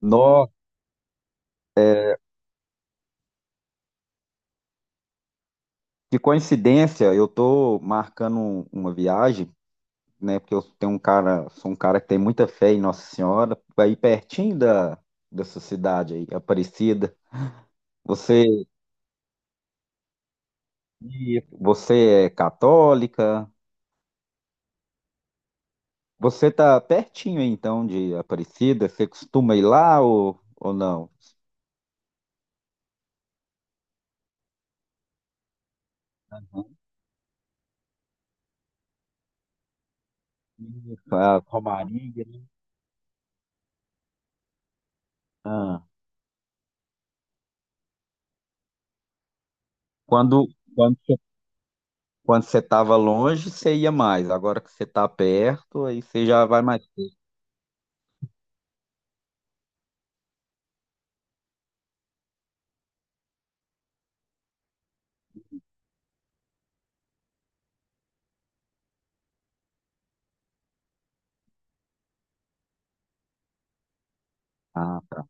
Nó, que coincidência, eu tô marcando uma viagem, né? Porque eu tenho um cara, sou um cara que tem muita fé em Nossa Senhora, aí pertinho da dessa cidade aí, Aparecida. Você, você é católica? Você tá pertinho então de Aparecida? Você costuma ir lá, ou não? Isso, a Romaria, né? Ah, quando quando você quando você estava longe, você ia mais. Agora que você está perto, aí você já vai mais. Ah, tá.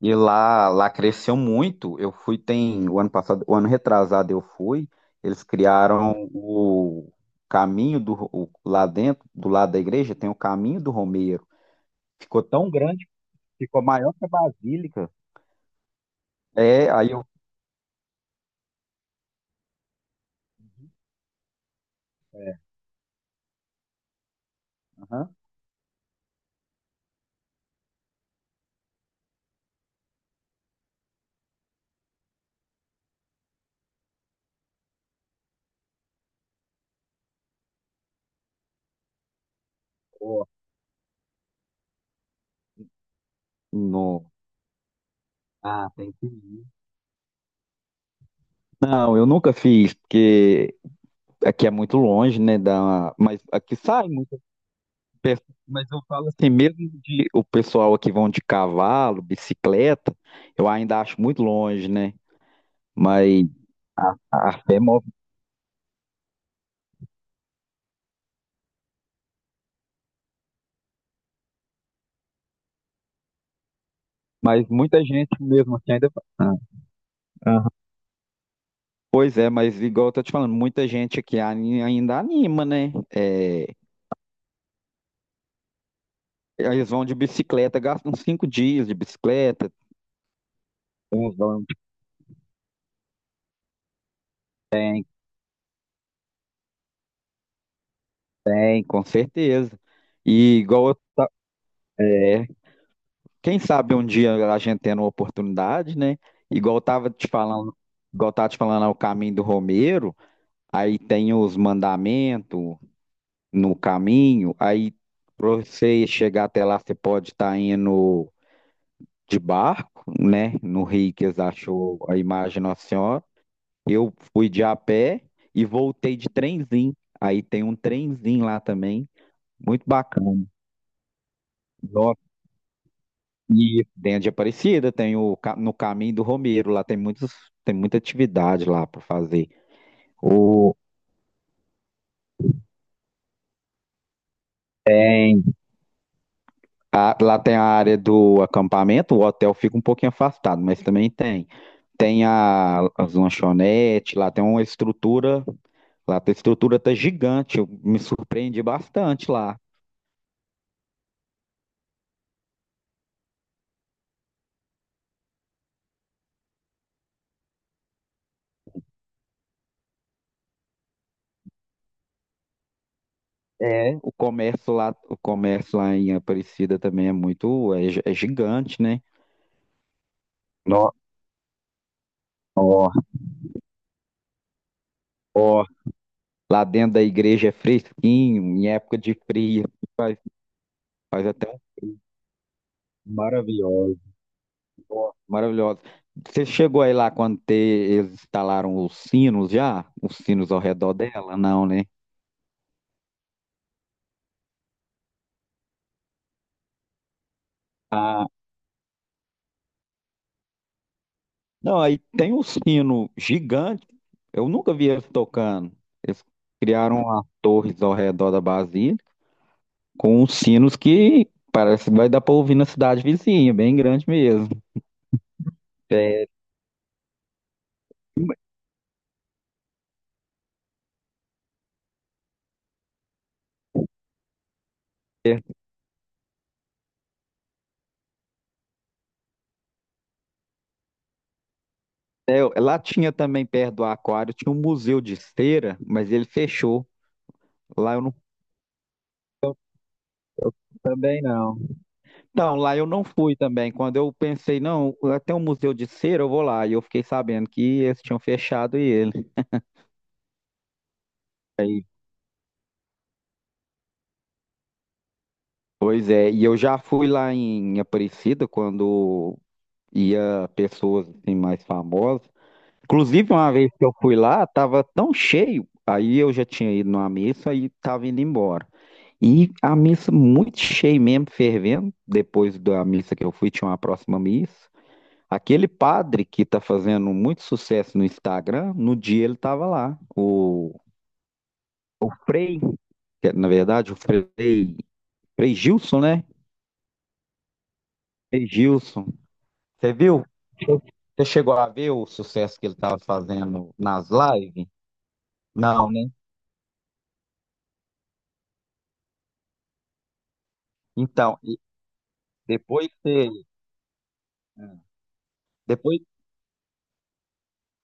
E lá cresceu muito. Eu fui, tem o ano passado, o ano retrasado eu fui. Eles criaram o caminho do lá dentro, do lado da igreja, tem o caminho do Romeiro. Ficou tão grande, ficou maior que a Basílica. É, aí eu. É, aham. Ó, no- ah, tem que ir. Não, eu nunca fiz, porque aqui é muito longe, né? Mas aqui sai muito. Pe- Mas eu falo assim, mesmo de o pessoal aqui vão de cavalo, bicicleta, eu ainda acho muito longe, né? Mas a, a fé move, mas muita gente mesmo assim ainda. Ah, aham. Pois é, mas igual eu tô te falando, muita gente aqui ainda anima, né? É, eles vão de bicicleta, gastam uns 5 dias de bicicleta, uns vão bem, com certeza. E igual eu é, quem sabe um dia a gente tendo uma oportunidade, né? Igual eu tava te falando, igual eu tava te falando, é o caminho do Romeiro, aí tem os mandamentos no caminho, aí para você chegar até lá, você pode estar indo de barco, né? No rio que eles achou a imagem de Nossa Senhora. Eu fui de a pé e voltei de trenzinho. Aí tem um trenzinho lá também, muito bacana. E dentro de Aparecida tem o no Caminho do Romeiro, lá tem muitos, tem muita atividade lá para fazer. O, lá tem a área do acampamento, o hotel fica um pouquinho afastado, mas também tem. Tem as lanchonetes, lá tem uma estrutura, a estrutura tá gigante, eu me surpreendi bastante lá. É, o comércio lá em Aparecida também é muito, é gigante, né? Nó- Ó, ó. Lá dentro da igreja é fresquinho, em época de frio, faz, faz até um frio maravilhoso. Nossa, maravilhoso. Você chegou aí lá quando eles instalaram os sinos já? Os sinos ao redor dela? Não, né? Não, aí tem um sino gigante. Eu nunca vi eles tocando. Eles criaram as torres ao redor da Basílica com uns sinos que parece que vai dar para ouvir na cidade vizinha, bem grande mesmo. É, é, lá tinha também perto do aquário, tinha um museu de cera, mas ele fechou. Lá eu não. Também não. Não, lá eu não fui também. Quando eu pensei, não, até um museu de cera, eu vou lá. E eu fiquei sabendo que eles tinham fechado e ele. Pois é, e eu já fui lá em Aparecida quando ia pessoas assim, mais famosas. Inclusive, uma vez que eu fui lá, tava tão cheio. Aí eu já tinha ido numa missa e tava indo embora. E a missa muito cheia mesmo, fervendo. Depois da missa que eu fui, tinha uma próxima missa. Aquele padre que tá fazendo muito sucesso no Instagram, no dia ele tava lá. O Frei, que é, na verdade, o Frei, Frei Gilson, né? Frei Gilson. Você viu? Você chegou a ver o sucesso que ele tava fazendo nas lives? Não, né? Então, e depois você, depois,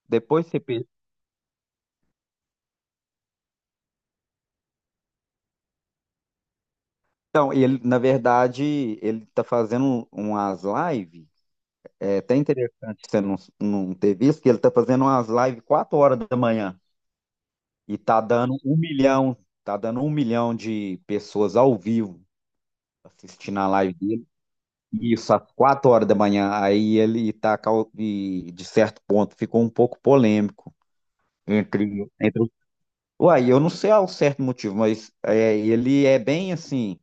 depois você... Então, ele, na verdade, ele tá fazendo umas lives. É até interessante você não ter visto que ele tá fazendo umas lives 4 horas da manhã e tá dando um milhão de pessoas ao vivo assistindo a live dele. Isso, às 4 horas da manhã. Aí ele e, de certo ponto, ficou um pouco polêmico entre, entre... os- Uai, eu não sei ao certo motivo, mas é, ele é bem assim.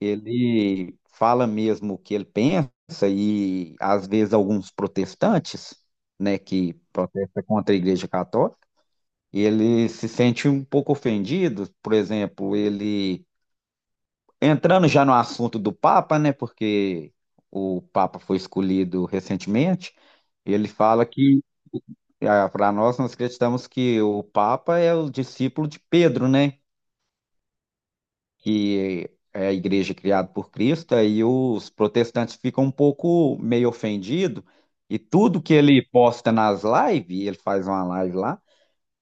Ele fala mesmo o que ele pensa e às vezes alguns protestantes, né, que protestam contra a Igreja Católica, ele se sente um pouco ofendido, por exemplo, ele entrando já no assunto do Papa, né, porque o Papa foi escolhido recentemente, ele fala que para nós acreditamos que o Papa é o discípulo de Pedro, né? Que é a igreja criada por Cristo, aí os protestantes ficam um pouco meio ofendidos, e tudo que ele posta nas lives, ele faz uma live lá,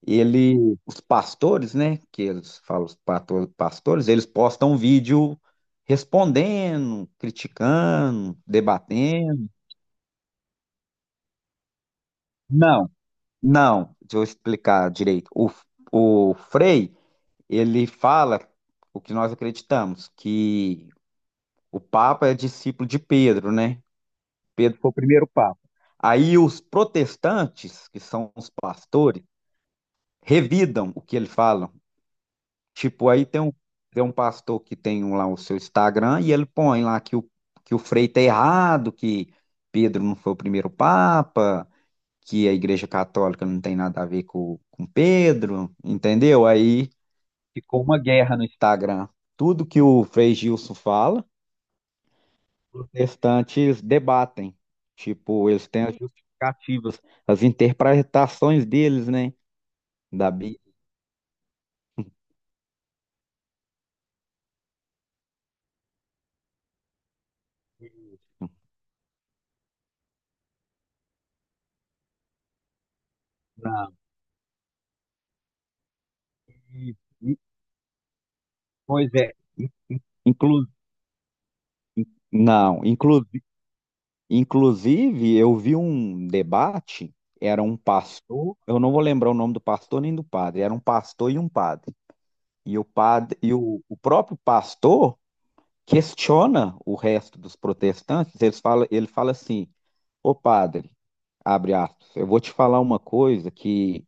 ele, os pastores, né, que eles falam os pastores, eles postam um vídeo respondendo, criticando, debatendo. Não, não, deixa eu explicar direito. O Frei, ele fala o que nós acreditamos, que o Papa é discípulo de Pedro, né? Pedro foi o primeiro papa. Aí os protestantes, que são os pastores, revidam o que ele fala. Tipo, aí tem um, pastor que tem um lá o seu Instagram e ele põe lá que o Frei tá errado, que Pedro não foi o primeiro papa, que a Igreja Católica não tem nada a ver com Pedro, entendeu? Aí ficou uma guerra no Instagram. Tudo que o Frei Gilson fala, protestantes debatem, tipo, eles têm as justificativas, as interpretações deles, né, da Bíblia. Não. E- e- Pois é. Inclu... Não, inclusive eu vi um debate, era um pastor, eu não vou lembrar o nome do pastor nem do padre, era um pastor e um padre. E o padre e o próprio pastor questiona o resto dos protestantes, ele fala assim: Ô padre, abre aspas, eu vou te falar uma coisa que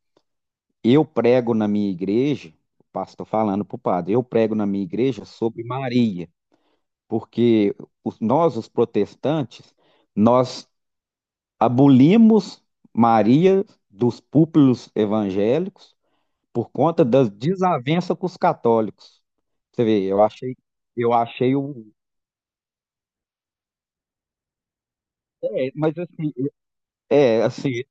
eu prego na minha igreja, o pastor falando para o padre, eu prego na minha igreja sobre Maria, porque nós, os protestantes, nós abolimos Maria dos púlpitos evangélicos por conta das desavenças com os católicos. Você vê, eu achei o. É, mas assim, é, assim,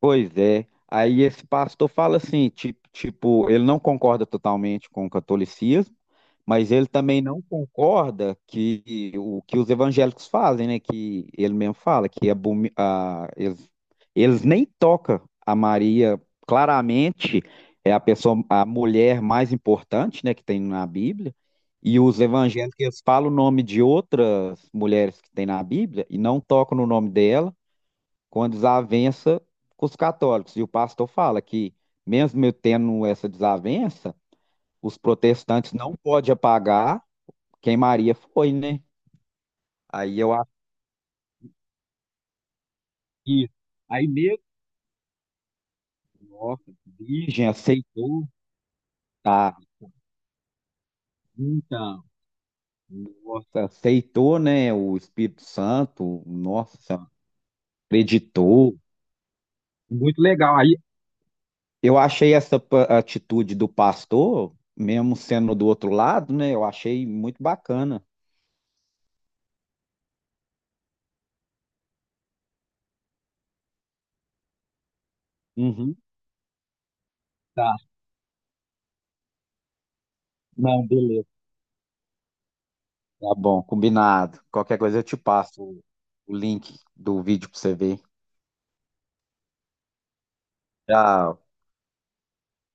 pois é. Aí esse pastor fala assim, tipo, ele não concorda totalmente com o catolicismo, mas ele também não concorda que o que os evangélicos fazem, né? Que ele mesmo fala que eles nem tocam a Maria. Claramente é a pessoa, a mulher mais importante, né, que tem na Bíblia. E os evangélicos eles falam o nome de outras mulheres que tem na Bíblia e não tocam no nome dela. Com a desavença com os católicos. E o pastor fala que, mesmo eu tendo essa desavença, os protestantes não podem apagar quem Maria foi, né? Aí eu acho que. Aí mesmo, nossa, virgem aceitou, tá? Então, nossa, aceitou, né? O Espírito Santo, nossa, acreditou. Muito legal. Aí eu achei essa atitude do pastor, mesmo sendo do outro lado, né? Eu achei muito bacana. Uhum. Não, beleza. Tá bom, combinado. Qualquer coisa eu te passo o link do vídeo pra você ver. Tchau.